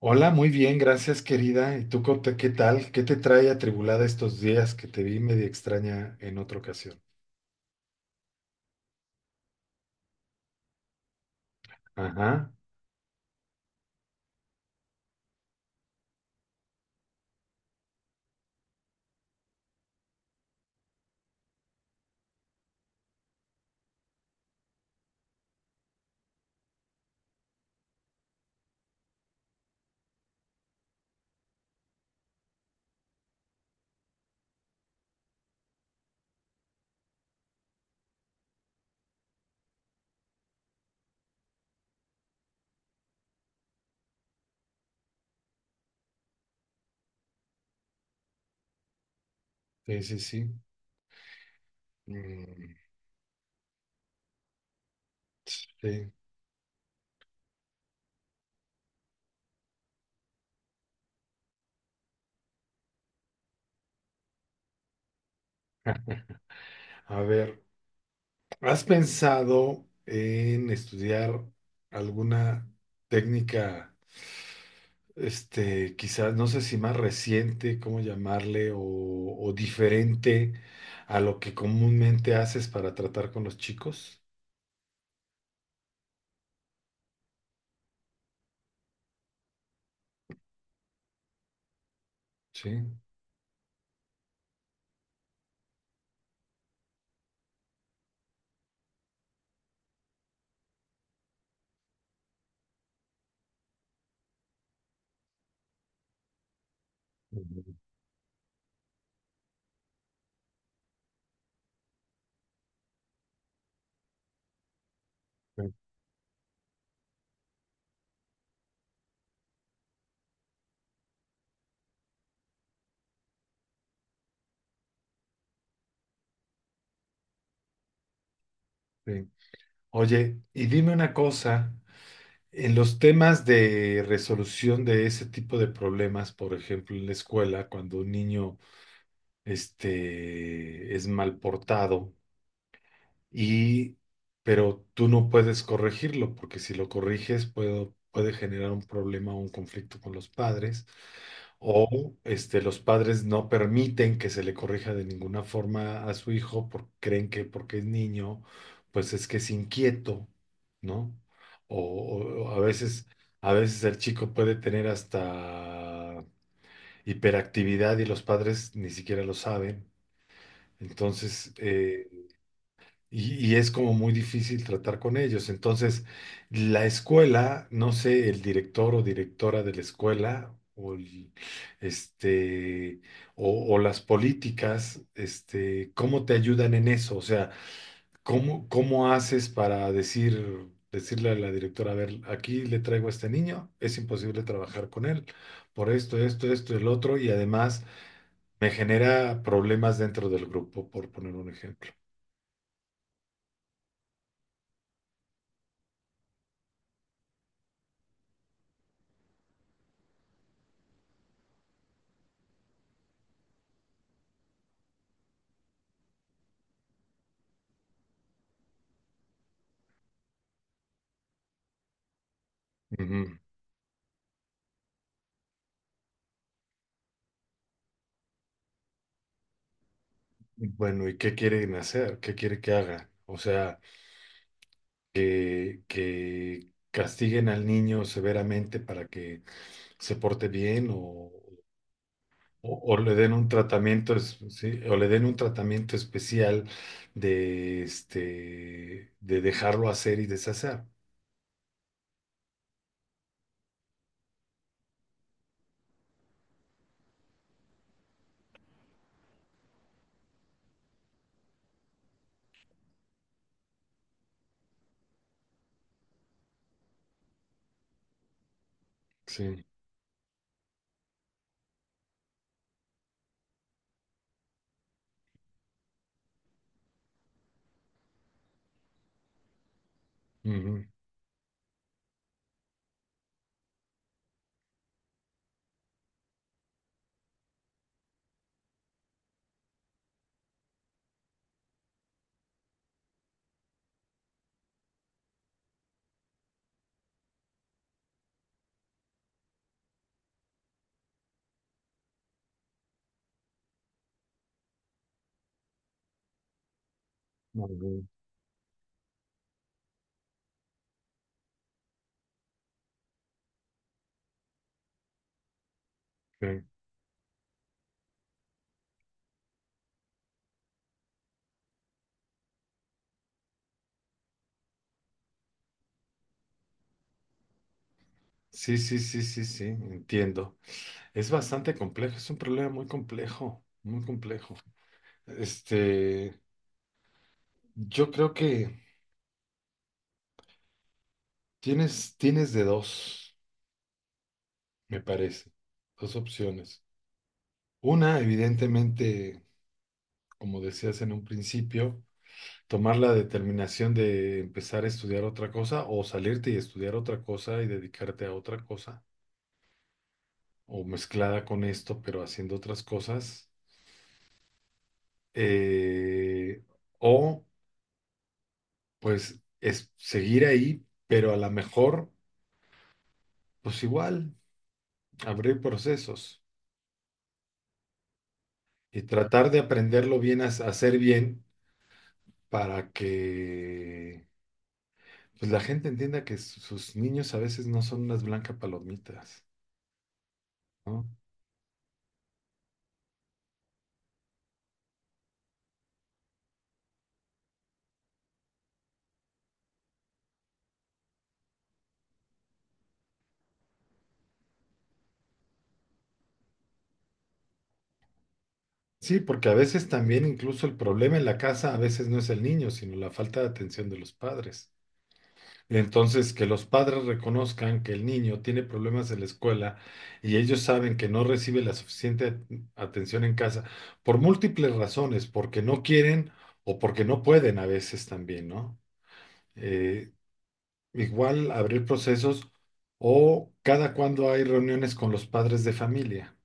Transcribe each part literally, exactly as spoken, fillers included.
Hola, muy bien, gracias querida. ¿Y tú co- te- qué tal? ¿Qué te trae atribulada estos días que te vi media extraña en otra ocasión? Ajá, sí, sí, sí. Mm, sí. A ver, ¿has pensado en estudiar alguna técnica, este, quizás, no sé si más reciente, cómo llamarle, o, o diferente a lo que comúnmente haces para tratar con los chicos? Sí. Ujú, sí. Sí. Oye, y dime una cosa, en los temas de resolución de ese tipo de problemas, por ejemplo, en la escuela, cuando un niño este, es mal portado, y, pero tú no puedes corregirlo, porque si lo corriges puedo- puede generar un problema o un conflicto con los padres, o este, los padres no permiten que se le corrija de ninguna forma a su hijo porque creen que porque es niño, pues es que es inquieto, ¿no? O, o- o a veces, a veces el chico puede tener hasta hiperactividad y los padres ni siquiera lo saben. Entonces, eh, y, y es como muy difícil tratar con ellos. Entonces, la escuela, no sé, el director o directora de la escuela, o, el- este, o, o las políticas, este, ¿cómo te ayudan en eso? O sea, ¿cómo, cómo haces para decir, decirle a la directora, a ver, aquí le traigo a este niño, es imposible trabajar con él por esto, esto, esto, el otro, y además me genera problemas dentro del grupo, por poner un ejemplo. Bueno, ¿y qué quieren hacer? ¿Qué quiere que haga? O sea, que, que castiguen al niño severamente para que se porte bien o, o- o le den un tratamiento, es- sí, o le den un tratamiento especial de este de dejarlo hacer y deshacer. Sí. Ujú, ujú, sí, sí, sí, sí, sí, sí, entiendo. Es bastante complejo, es un problema muy complejo, muy complejo. Este, yo creo que tienes, tienes de dos, me parece, dos opciones. Una, evidentemente, como decías en un principio, tomar la determinación de empezar a estudiar otra cosa o salirte y estudiar otra cosa y dedicarte a otra cosa, o mezclada con esto, pero haciendo otras cosas. Eh, o pues es seguir ahí, pero a lo mejor, pues igual, abrir procesos y tratar de aprenderlo bien, a hacer bien para que pues, la gente entienda que su- sus niños a veces no son unas blancas palomitas, ¿no? Sí, porque a veces también incluso el problema en la casa a veces no es el niño, sino la falta de atención de los padres. Entonces, que los padres reconozcan que el niño tiene problemas en la escuela y ellos saben que no recibe la suficiente at- atención en casa por múltiples razones, porque no quieren o porque no pueden a veces también, ¿no? Eh, igual abrir procesos o cada cuando hay reuniones con los padres de familia.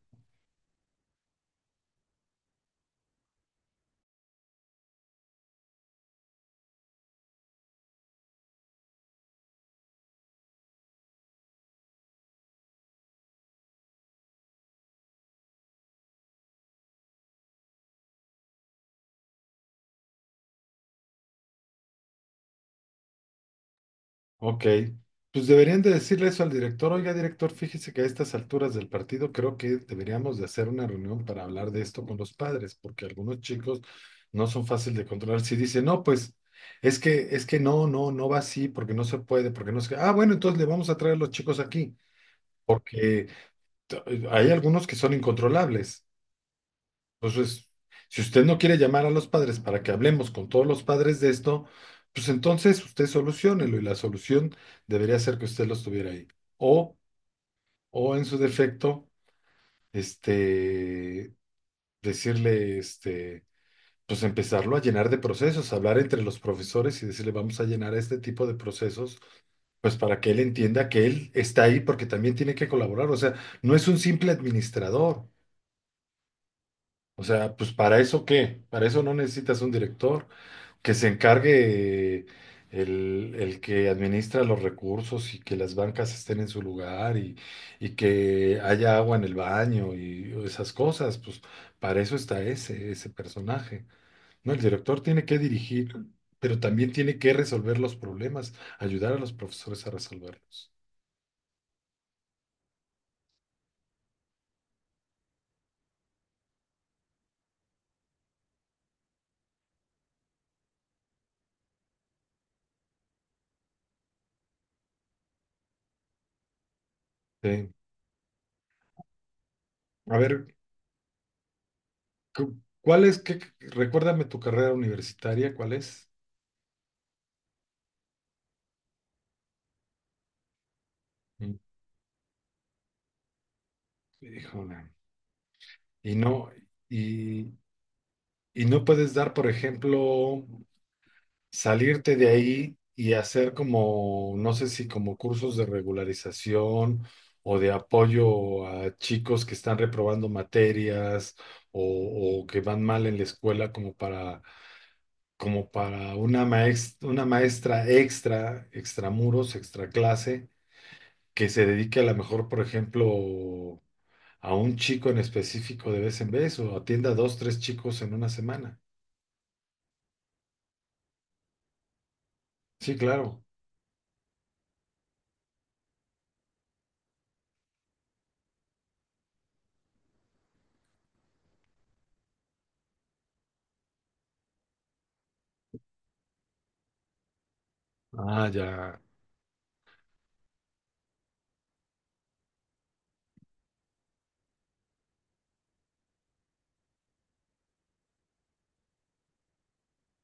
Ok, pues deberían de decirle eso al director. Oiga, director, fíjese que a estas alturas del partido creo que deberíamos de hacer una reunión para hablar de esto con los padres, porque algunos chicos no son fáciles de controlar. Si dicen, no, pues es que, es que no, no, no va así, porque no se puede, porque no se... Ah, bueno, entonces le vamos a traer a los chicos aquí, que t- hay algunos que son incontrolables. Entonces, si usted no quiere llamar a los padres para que hablemos con todos los padres de esto, pues entonces usted soluciónelo y la solución debería ser que usted los tuviera ahí. O, o en su defecto, este, decirle, este, pues empezarlo a llenar de procesos, hablar entre los profesores y decirle, vamos a llenar este tipo de procesos, pues para que él entienda que él está ahí porque también tiene que colaborar. O sea, no es un simple administrador. O sea, pues para eso qué, para eso no necesitas un director. Que se encargue el, el que administra los recursos y que las bancas estén en su lugar y, y que haya agua en el baño y esas cosas, pues para eso está ese, ese personaje. No, el director tiene que dirigir, pero también tiene que resolver los problemas, ayudar a los profesores a resolverlos. Sí. A ver, cu- ¿cuál es, qué, recuérdame tu carrera universitaria, ¿cuál es? Mm, híjole. Y no, y Y no puedes dar, por ejemplo, salirte de ahí y hacer como, no sé si como cursos de regularización o de apoyo a chicos que están reprobando materias o, o que van mal en la escuela como para, como para una maes- una maestra extra, extramuros, extra clase, que se dedique a lo mejor, por ejemplo, a un chico en específico de vez en vez o atienda a dos, tres chicos en una semana. Sí, claro. Ah, ya.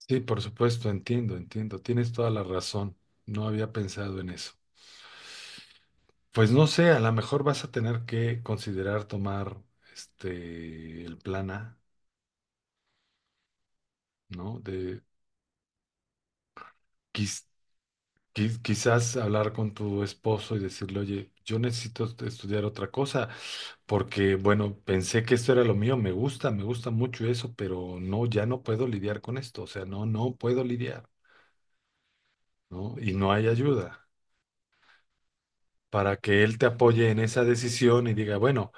Sí, por supuesto, entiendo, entiendo. Tienes toda la razón. No había pensado en eso. Pues no sé, a lo mejor vas a tener que considerar tomar este el plan A, ¿no? De quiz- qui- quizás hablar con tu esposo y decirle, oye, yo necesito est- estudiar otra cosa, porque bueno, pensé que esto era lo mío, me gusta, me gusta mucho eso, pero no, ya no puedo lidiar con esto, o sea, no, no puedo lidiar, ¿no? Y no hay ayuda. Para que él te apoye en esa decisión y diga, bueno,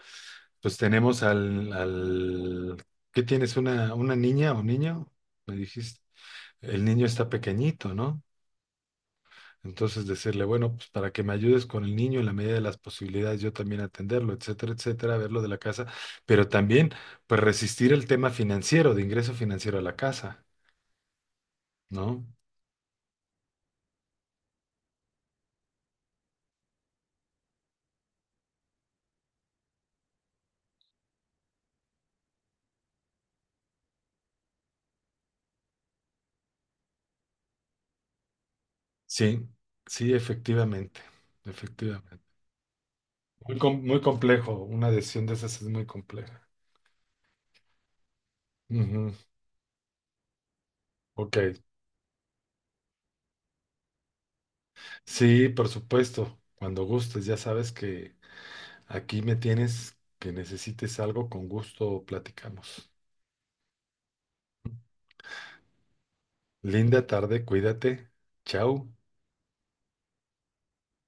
pues tenemos al, al... ¿Qué tienes? ¿Una, una niña o niño? Me dijiste, el niño está pequeñito, ¿no? Entonces decirle, bueno, pues para que me ayudes con el niño en la medida de las posibilidades, yo también atenderlo, etcétera, etcétera, verlo de la casa, pero también, pues resistir el tema financiero, de ingreso financiero a la casa, ¿no? Sí, sí, efectivamente, efectivamente. Muy, com- muy complejo, una decisión de esas es muy compleja. Ujú, ok, sí, por supuesto. Cuando gustes, ya sabes que aquí me tienes, que necesites algo, con gusto platicamos. Linda tarde, cuídate. Chao.